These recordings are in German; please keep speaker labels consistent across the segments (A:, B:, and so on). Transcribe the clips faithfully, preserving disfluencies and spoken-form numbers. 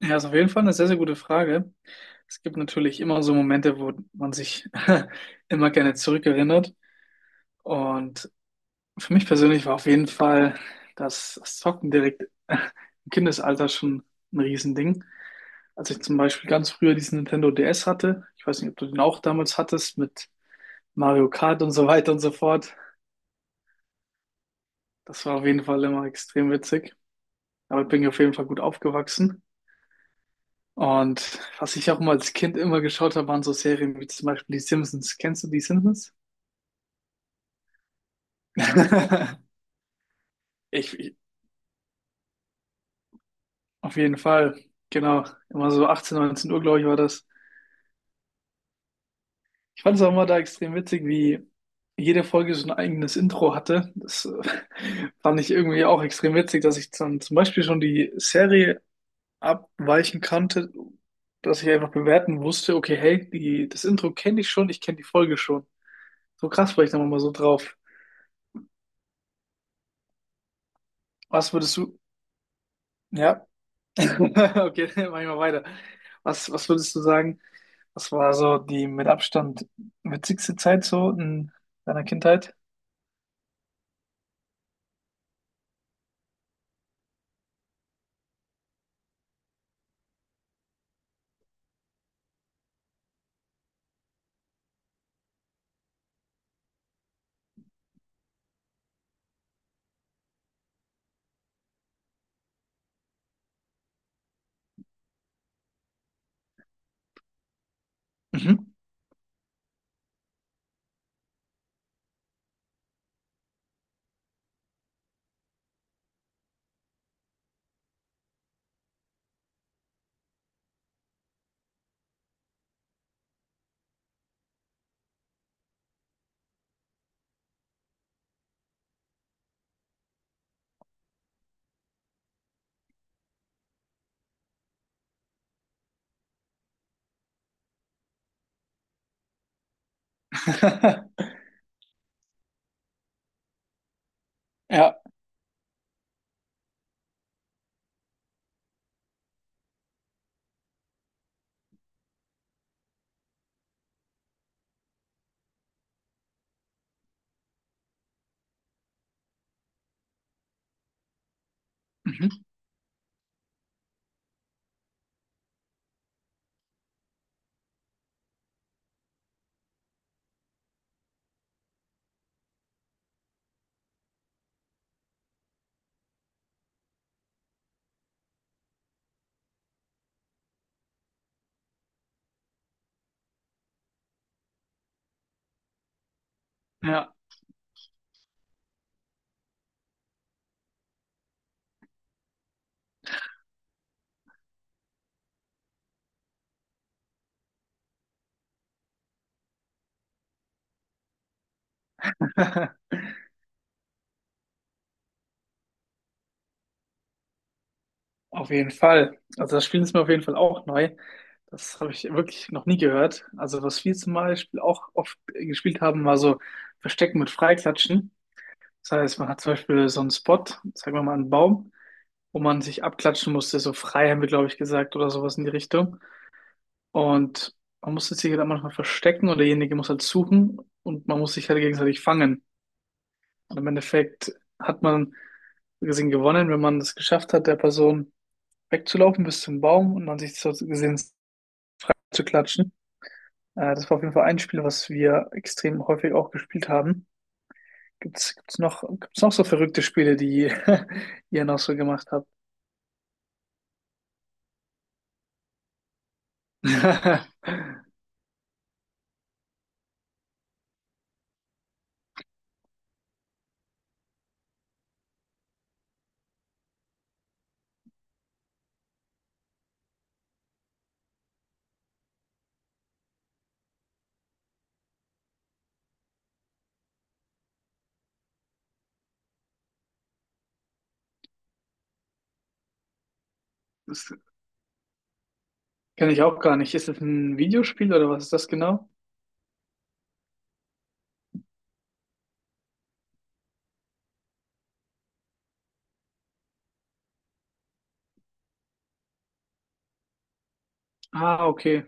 A: Ja, ist auf jeden Fall eine sehr, sehr gute Frage. Es gibt natürlich immer so Momente, wo man sich immer gerne zurückerinnert. Und für mich persönlich war auf jeden Fall das das Zocken direkt im Kindesalter schon ein Riesending. Als ich zum Beispiel ganz früher diesen Nintendo D S hatte, ich weiß nicht, ob du den auch damals hattest, mit Mario Kart und so weiter und so fort. Das war auf jeden Fall immer extrem witzig. Damit bin ich auf jeden Fall gut aufgewachsen. Und was ich auch mal als Kind immer geschaut habe, waren so Serien wie zum Beispiel die Simpsons. Kennst du die Simpsons? Ich, ich auf jeden Fall, genau. Immer so achtzehn, neunzehn Uhr, glaube ich, war das. Ich fand es auch immer da extrem witzig, wie jede Folge so ein eigenes Intro hatte. Das äh, fand ich irgendwie auch extrem witzig, dass ich dann zum Beispiel schon die Serie abweichen kannte, dass ich einfach bewerten wusste, okay, hey, die, das Intro kenne ich schon, ich kenne die Folge schon. So krass war ich dann immer so drauf. Was würdest du, ja, Okay, dann mach ich mal weiter. Was, was würdest du sagen? Was war so die mit Abstand witzigste Zeit so in deiner Kindheit? Mhm. Ja. Mhm. Ja. Auf jeden Fall. Also das Spiel ist mir auf jeden Fall auch neu. Das habe ich wirklich noch nie gehört. Also was wir zum Beispiel auch oft äh, gespielt haben, war so Verstecken mit Freiklatschen. Das heißt, man hat zum Beispiel so einen Spot, sagen wir mal einen Baum, wo man sich abklatschen musste. So frei haben wir, glaube ich, gesagt oder sowas in die Richtung. Und man muss sich halt manchmal verstecken oder derjenige muss halt suchen und man muss sich halt gegenseitig fangen. Und im Endeffekt hat man so gesehen gewonnen, wenn man es geschafft hat, der Person wegzulaufen bis zum Baum und dann sich so gesehen zu klatschen. Äh, das war auf jeden Fall ein Spiel, was wir extrem häufig auch gespielt haben. Gibt's, gibt's noch, gibt's noch so verrückte Spiele, die ihr noch so gemacht habt? Das kenne ich auch gar nicht. Ist das ein Videospiel oder was ist das genau? Ah, okay.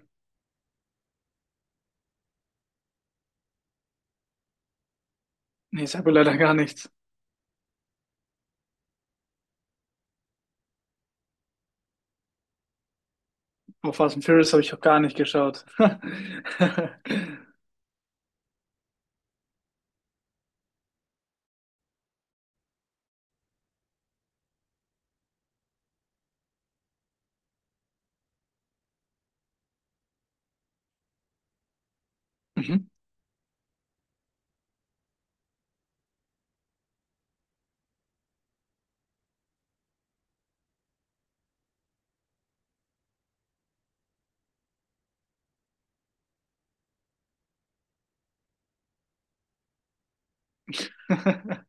A: Nee, ich habe leider gar nichts. Oh, Fast and Furious habe ich auch gar nicht geschaut. Mhm.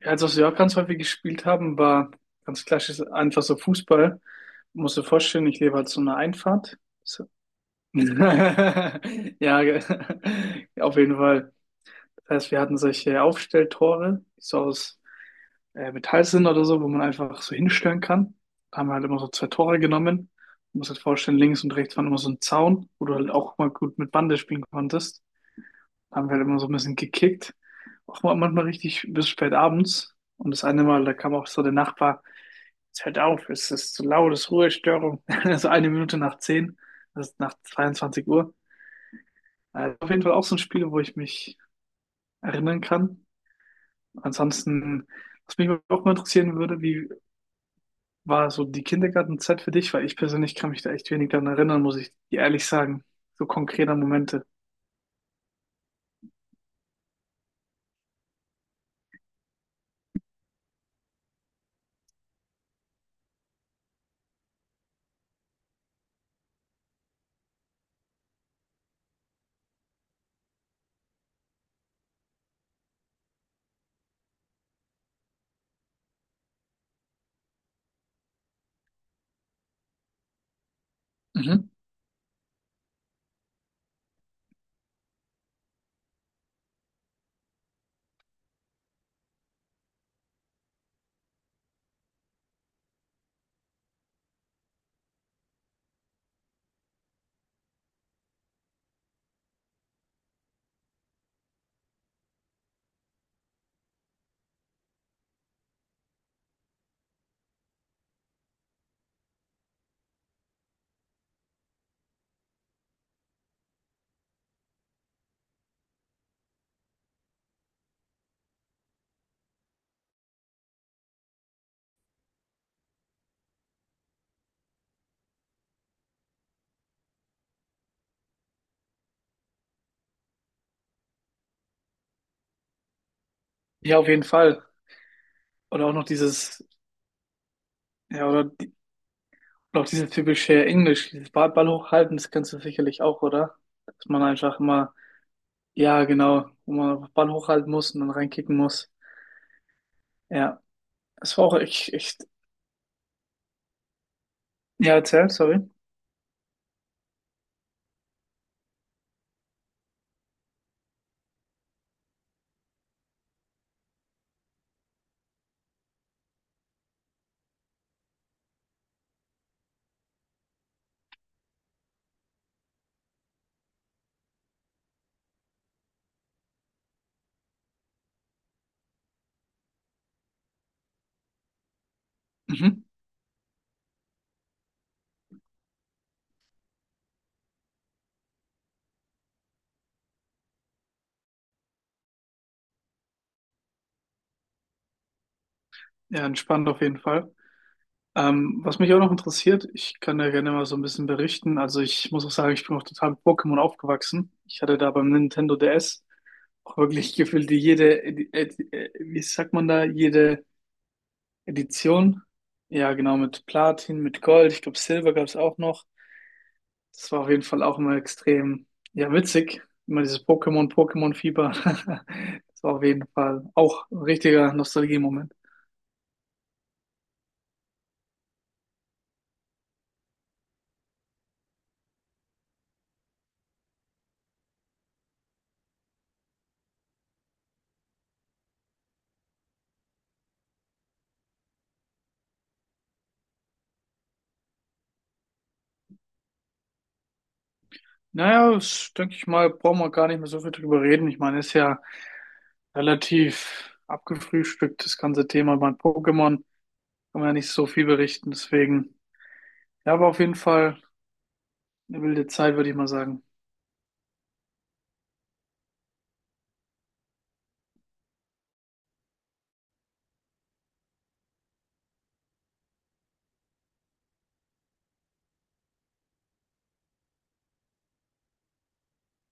A: Ja, also, was wir auch ganz häufig gespielt haben, war ganz klassisch einfach so Fußball. Musst du dir vorstellen, ich lebe halt so eine Einfahrt. So. Ja, ge- auf jeden Fall. Das heißt, wir hatten solche Aufstelltore, die so aus äh, Metall sind oder so, wo man einfach so hinstellen kann. Da haben wir halt immer so zwei Tore genommen. Du musst dir vorstellen, links und rechts waren immer so ein Zaun, wo du halt auch mal gut mit Bande spielen konntest. Haben wir halt immer so ein bisschen gekickt. Auch mal- manchmal richtig bis spät abends. Und das eine Mal, da kam auch so der Nachbar, jetzt hört auf, es ist zu laut, es ist Ruhestörung. Also eine Minute nach zehn, das ist nach zweiundzwanzig Uhr. Also auf jeden Fall auch so ein Spiel, wo ich mich erinnern kann. Ansonsten, was mich auch mal interessieren würde, wie war so die Kindergartenzeit für dich? Weil ich persönlich kann mich da echt wenig dran erinnern, muss ich dir ehrlich sagen. So konkreter Momente. Mhm. Ja, auf jeden Fall. Oder auch noch dieses, ja, oder und auch dieses typische Englisch, dieses Ball, Ball hochhalten, das kennst du sicherlich auch, oder? Dass man einfach immer, ja, genau, wo man einfach Ball hochhalten muss und dann reinkicken muss. Ja, das war auch echt, echt, ja, erzähl, sorry. Mhm. Ja, entspannt auf jeden Fall. Ähm, was mich auch noch interessiert, ich kann da gerne mal so ein bisschen berichten. Also ich muss auch sagen, ich bin auch total mit Pokémon aufgewachsen. Ich hatte da beim Nintendo D S auch wirklich gefühlt jede, äh, äh, wie sagt man da, jede Edition. Ja, genau, mit Platin, mit Gold. Ich glaube, Silber gab es auch noch. Das war auf jeden Fall auch immer extrem, ja, witzig. Immer dieses Pokémon, Pokémon-Fieber. Das war auf jeden Fall auch ein richtiger Nostalgie-Moment. Naja, das, denke ich mal, brauchen wir gar nicht mehr so viel drüber reden. Ich meine, ist ja relativ abgefrühstückt, das ganze Thema bei Pokémon. Kann man ja nicht so viel berichten. Deswegen, ja, war auf jeden Fall eine wilde Zeit, würde ich mal sagen.